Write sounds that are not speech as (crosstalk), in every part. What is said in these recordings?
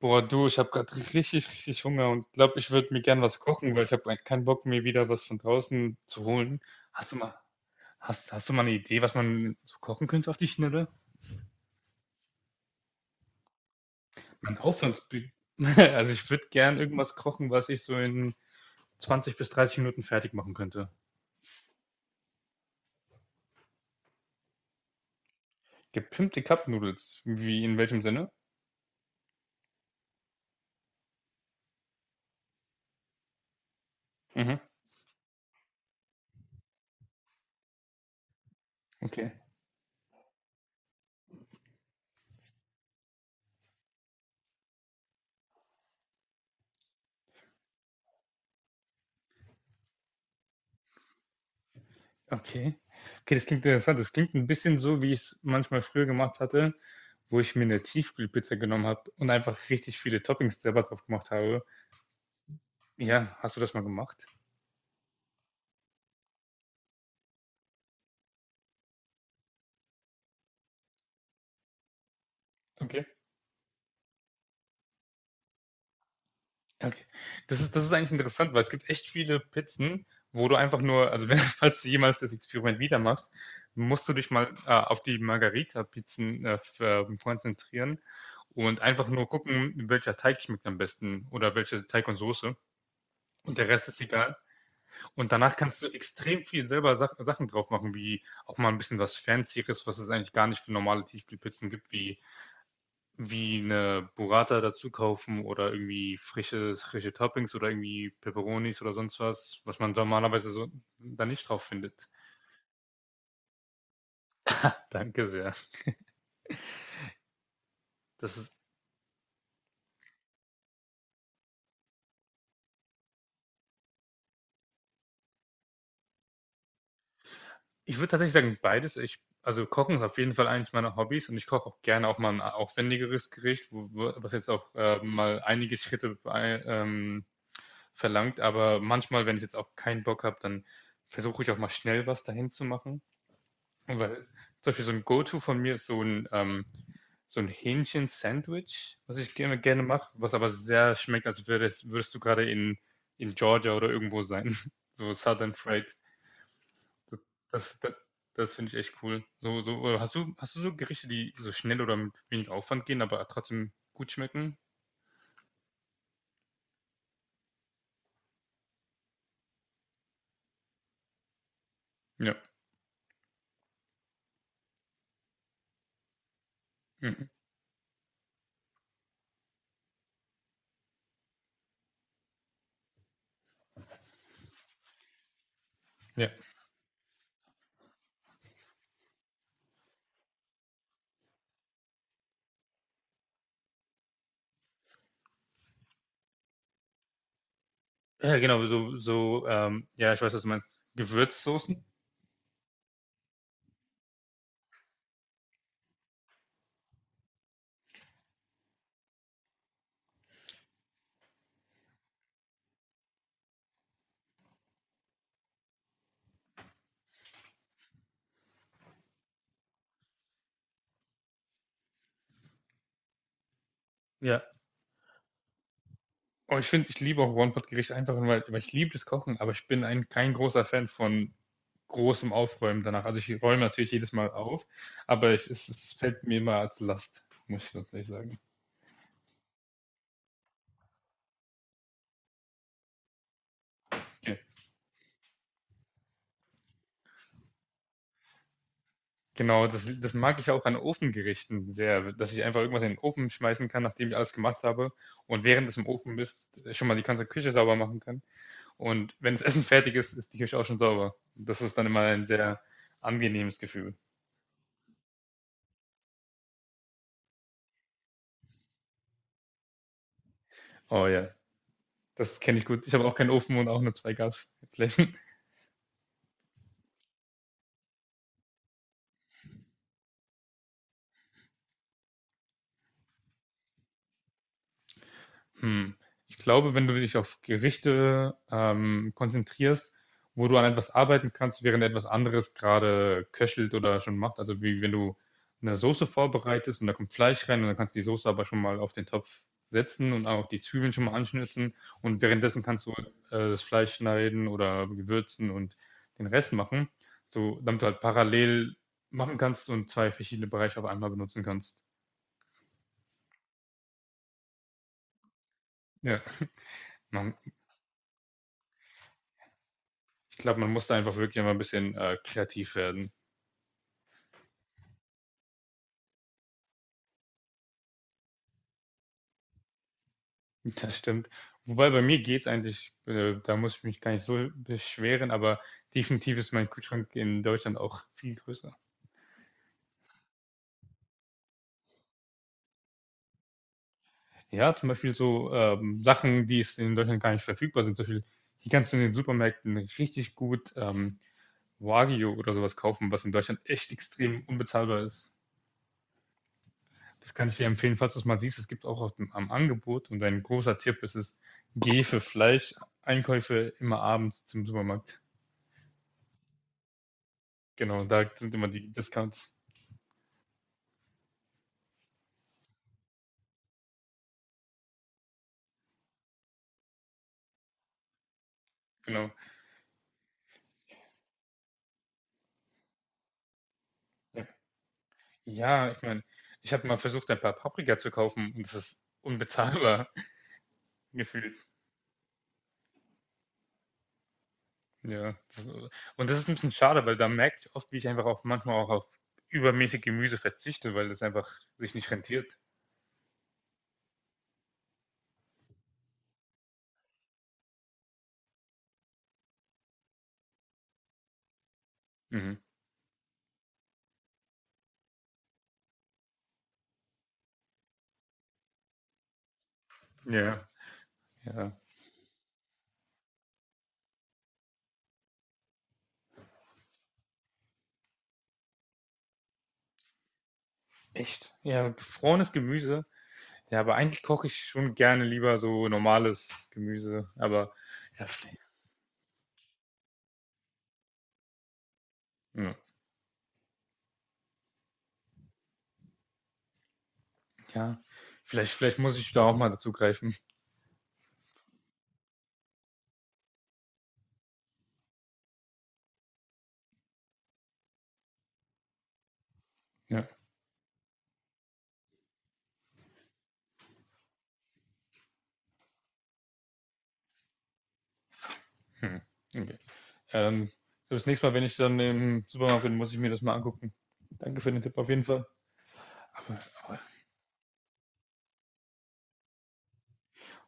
Boah, du, ich habe gerade (laughs) richtig, richtig Hunger und glaube, ich würde mir gern was kochen, weil ich habe keinen Bock, mir wieder was von draußen zu holen. Hast du mal, hast du mal eine Idee, was man so kochen könnte auf die Schnelle? Man Hoffnungsbü. (laughs) Also ich würde gern irgendwas kochen, was ich so in 20 bis 30 Minuten fertig machen könnte. Gepimpte Cup Noodles. Wie, in welchem Sinne? Mhm. Okay. Okay. Okay, das klingt interessant. Das klingt ein bisschen so, wie ich es manchmal früher gemacht hatte, wo ich mir eine Tiefkühlpizza genommen habe und einfach richtig viele Toppings selber drauf gemacht habe. Ja, hast du das mal gemacht? Okay. Okay. Das ist eigentlich interessant, weil es gibt echt viele Pizzen, wo du einfach nur, also, wenn (laughs) falls du jemals das Experiment wieder machst, musst du dich mal, auf die margarita pizzen f konzentrieren und einfach nur gucken, welcher Teig schmeckt am besten oder welche Teig und Soße, und der Rest ist egal. Und danach kannst du extrem viel selber Sachen drauf machen, wie auch mal ein bisschen was Fancyeres, was es eigentlich gar nicht für normale Tiefkühlpizzen gibt, wie, wie eine Burrata dazu kaufen oder irgendwie frische Toppings oder irgendwie Peperonis oder sonst was, was man normalerweise so da nicht drauf findet. Danke sehr. Das ist, ich würde tatsächlich sagen, beides. Ich, also Kochen ist auf jeden Fall eines meiner Hobbys und ich koche auch gerne auch mal ein aufwendigeres Gericht, was jetzt auch mal einige Schritte bei, verlangt, aber manchmal, wenn ich jetzt auch keinen Bock habe, dann versuche ich auch mal schnell was dahin zu machen. Weil zum Beispiel so ein Go-To von mir ist so ein Hähnchen-Sandwich, was ich gerne mache, was aber sehr schmeckt, als würdest du gerade in Georgia oder irgendwo sein. (laughs) So Southern Fried. Das, das finde ich echt cool. Oder hast du so Gerichte, die so schnell oder mit wenig Aufwand gehen, aber trotzdem gut schmecken? Ja. Mhm. Ja. Ja, genau, ja, ich weiß, was du meinst. Gewürzsoßen? Ja. Und ich finde, ich liebe auch One-Pot-Gerichte einfach, weil, weil ich liebe das Kochen, aber ich bin ein, kein großer Fan von großem Aufräumen danach. Also ich räume natürlich jedes Mal auf, aber ich, es fällt mir immer als Last, muss ich tatsächlich sagen. Ge- Genau, das mag ich auch an Ofengerichten sehr, dass ich einfach irgendwas in den Ofen schmeißen kann, nachdem ich alles gemacht habe und während es im Ofen ist, schon mal die ganze Küche sauber machen kann. Und wenn das (laughs) Essen fertig ist, ist die Küche auch schon sauber. Das ist dann immer ein sehr angenehmes Gefühl. Oh ja, das kenne ich gut. Ich habe auch keinen Ofen und auch nur zwei Gasflächen. Hm. Ich glaube, wenn du dich auf Gerichte konzentrierst, wo du an etwas arbeiten kannst, während etwas anderes gerade köchelt oder schon macht, also wie wenn du eine Soße vorbereitest und da kommt Fleisch rein und dann kannst du die Soße aber schon mal auf den Topf setzen und auch die Zwiebeln schon mal anschnitzen und währenddessen kannst du das Fleisch schneiden oder gewürzen und den Rest machen, so damit du halt parallel machen kannst und zwei verschiedene Bereiche auf einmal benutzen kannst. Ja, hm. Ich glaube, man muss da einfach wirklich mal ein bisschen kreativ werden. (laughs) Das stimmt. Wobei bei mir geht's eigentlich, da muss ich mich gar nicht so beschweren, aber definitiv ist mein Kühlschrank in Deutschland auch viel größer. Ja, zum Beispiel so Sachen, die es in Deutschland gar nicht verfügbar sind. Zum Beispiel, hier kannst du in den Supermärkten richtig gut Wagyu oder sowas kaufen, was in Deutschland echt extrem unbezahlbar ist. Das kann ich dir empfehlen, falls du es mal siehst. Es gibt auch auf dem, am Angebot, und ein großer Tipp ist es, geh für Fleisch, Einkäufe immer abends zum Supermarkt. Genau, da sind immer die Discounts. Genau. Ja, ja, ich meine, ich habe mal versucht, ein paar Paprika zu kaufen und es ist unbezahlbar (laughs) gefühlt. Ja, das, und das ist ein bisschen schade, weil da merke ich oft, wie ich einfach auch manchmal auch auf übermäßig Gemüse verzichte, weil das einfach sich nicht rentiert. Mhm. Ja, ja. Echt? Ja, gefrorenes Gemüse. Ja, aber eigentlich koche ich schon gerne lieber so normales Gemüse, aber ja, v hm, ja, vielleicht muss ich da auch mal dazu greifen. Ja. Hm, okay. Ähm, so das nächste Mal, wenn ich dann im Supermarkt bin, muss ich mir das mal angucken. Danke für den Tipp auf jeden Fall. Aber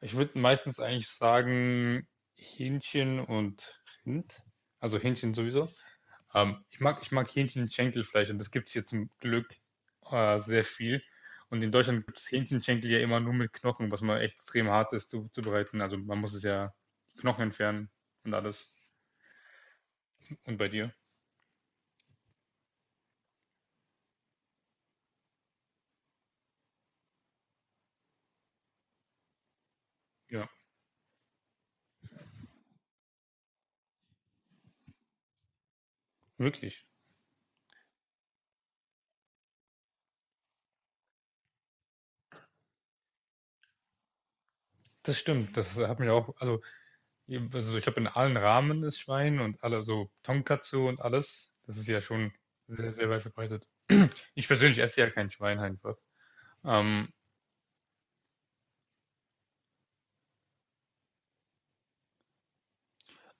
ich würde meistens eigentlich sagen Hähnchen und Rind. Also Hähnchen sowieso. Ich mag Hähnchenschenkelfleisch und das gibt es hier zum Glück sehr viel. Und in Deutschland gibt es Hähnchenschenkel ja immer nur mit Knochen, was mal echt extrem hart ist zubereiten. Also man muss es ja die Knochen entfernen und alles. Und bei dir? Ja, wirklich. Das stimmt. Das hat mich auch, also, also ich habe in allen Ramen das Schwein und alle so Tonkatsu und alles. Das ist ja schon sehr, sehr weit verbreitet. Ich persönlich esse ja kein Schwein einfach. Ähm,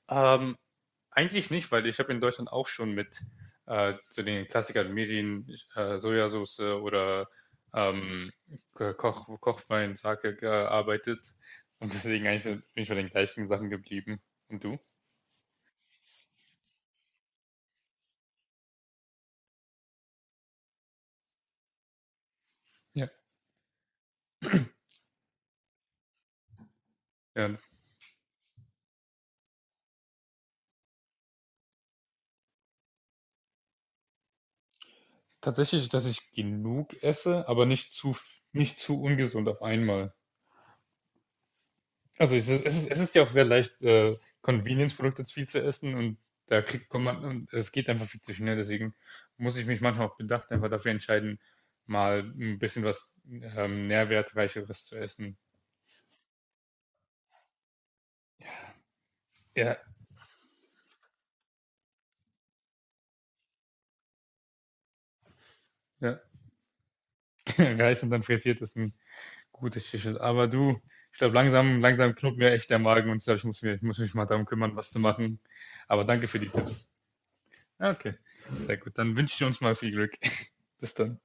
ähm, eigentlich nicht, weil ich habe in Deutschland auch schon mit zu den Klassikern Mirin, Sojasauce oder ähm, Kochwein, Sake gearbeitet. Und deswegen eigentlich so, bin ich bei den gleichen Sachen geblieben. Und du? Ja. Ja. Tatsächlich, dass ich genug esse, aber nicht nicht zu ungesund auf einmal. Also es ist, es ist ja auch sehr leicht, Convenience-Produkte zu viel zu essen und da kriegt kommt man, und es geht einfach viel zu schnell. Deswegen muss ich mich manchmal auch bedacht einfach dafür entscheiden, mal ein bisschen was Nährwertreicheres zu essen. Ja, ja. (laughs) Reis und dann frittiert ist ein gutes Schüssel. Aber du, ich glaube, langsam knurrt mir echt der Magen und ich glaube, ich muss mich mal darum kümmern, was zu machen. Aber danke für die Tipps. Ah, okay, sehr gut. Dann wünsche ich uns mal viel Glück. (laughs) Bis dann.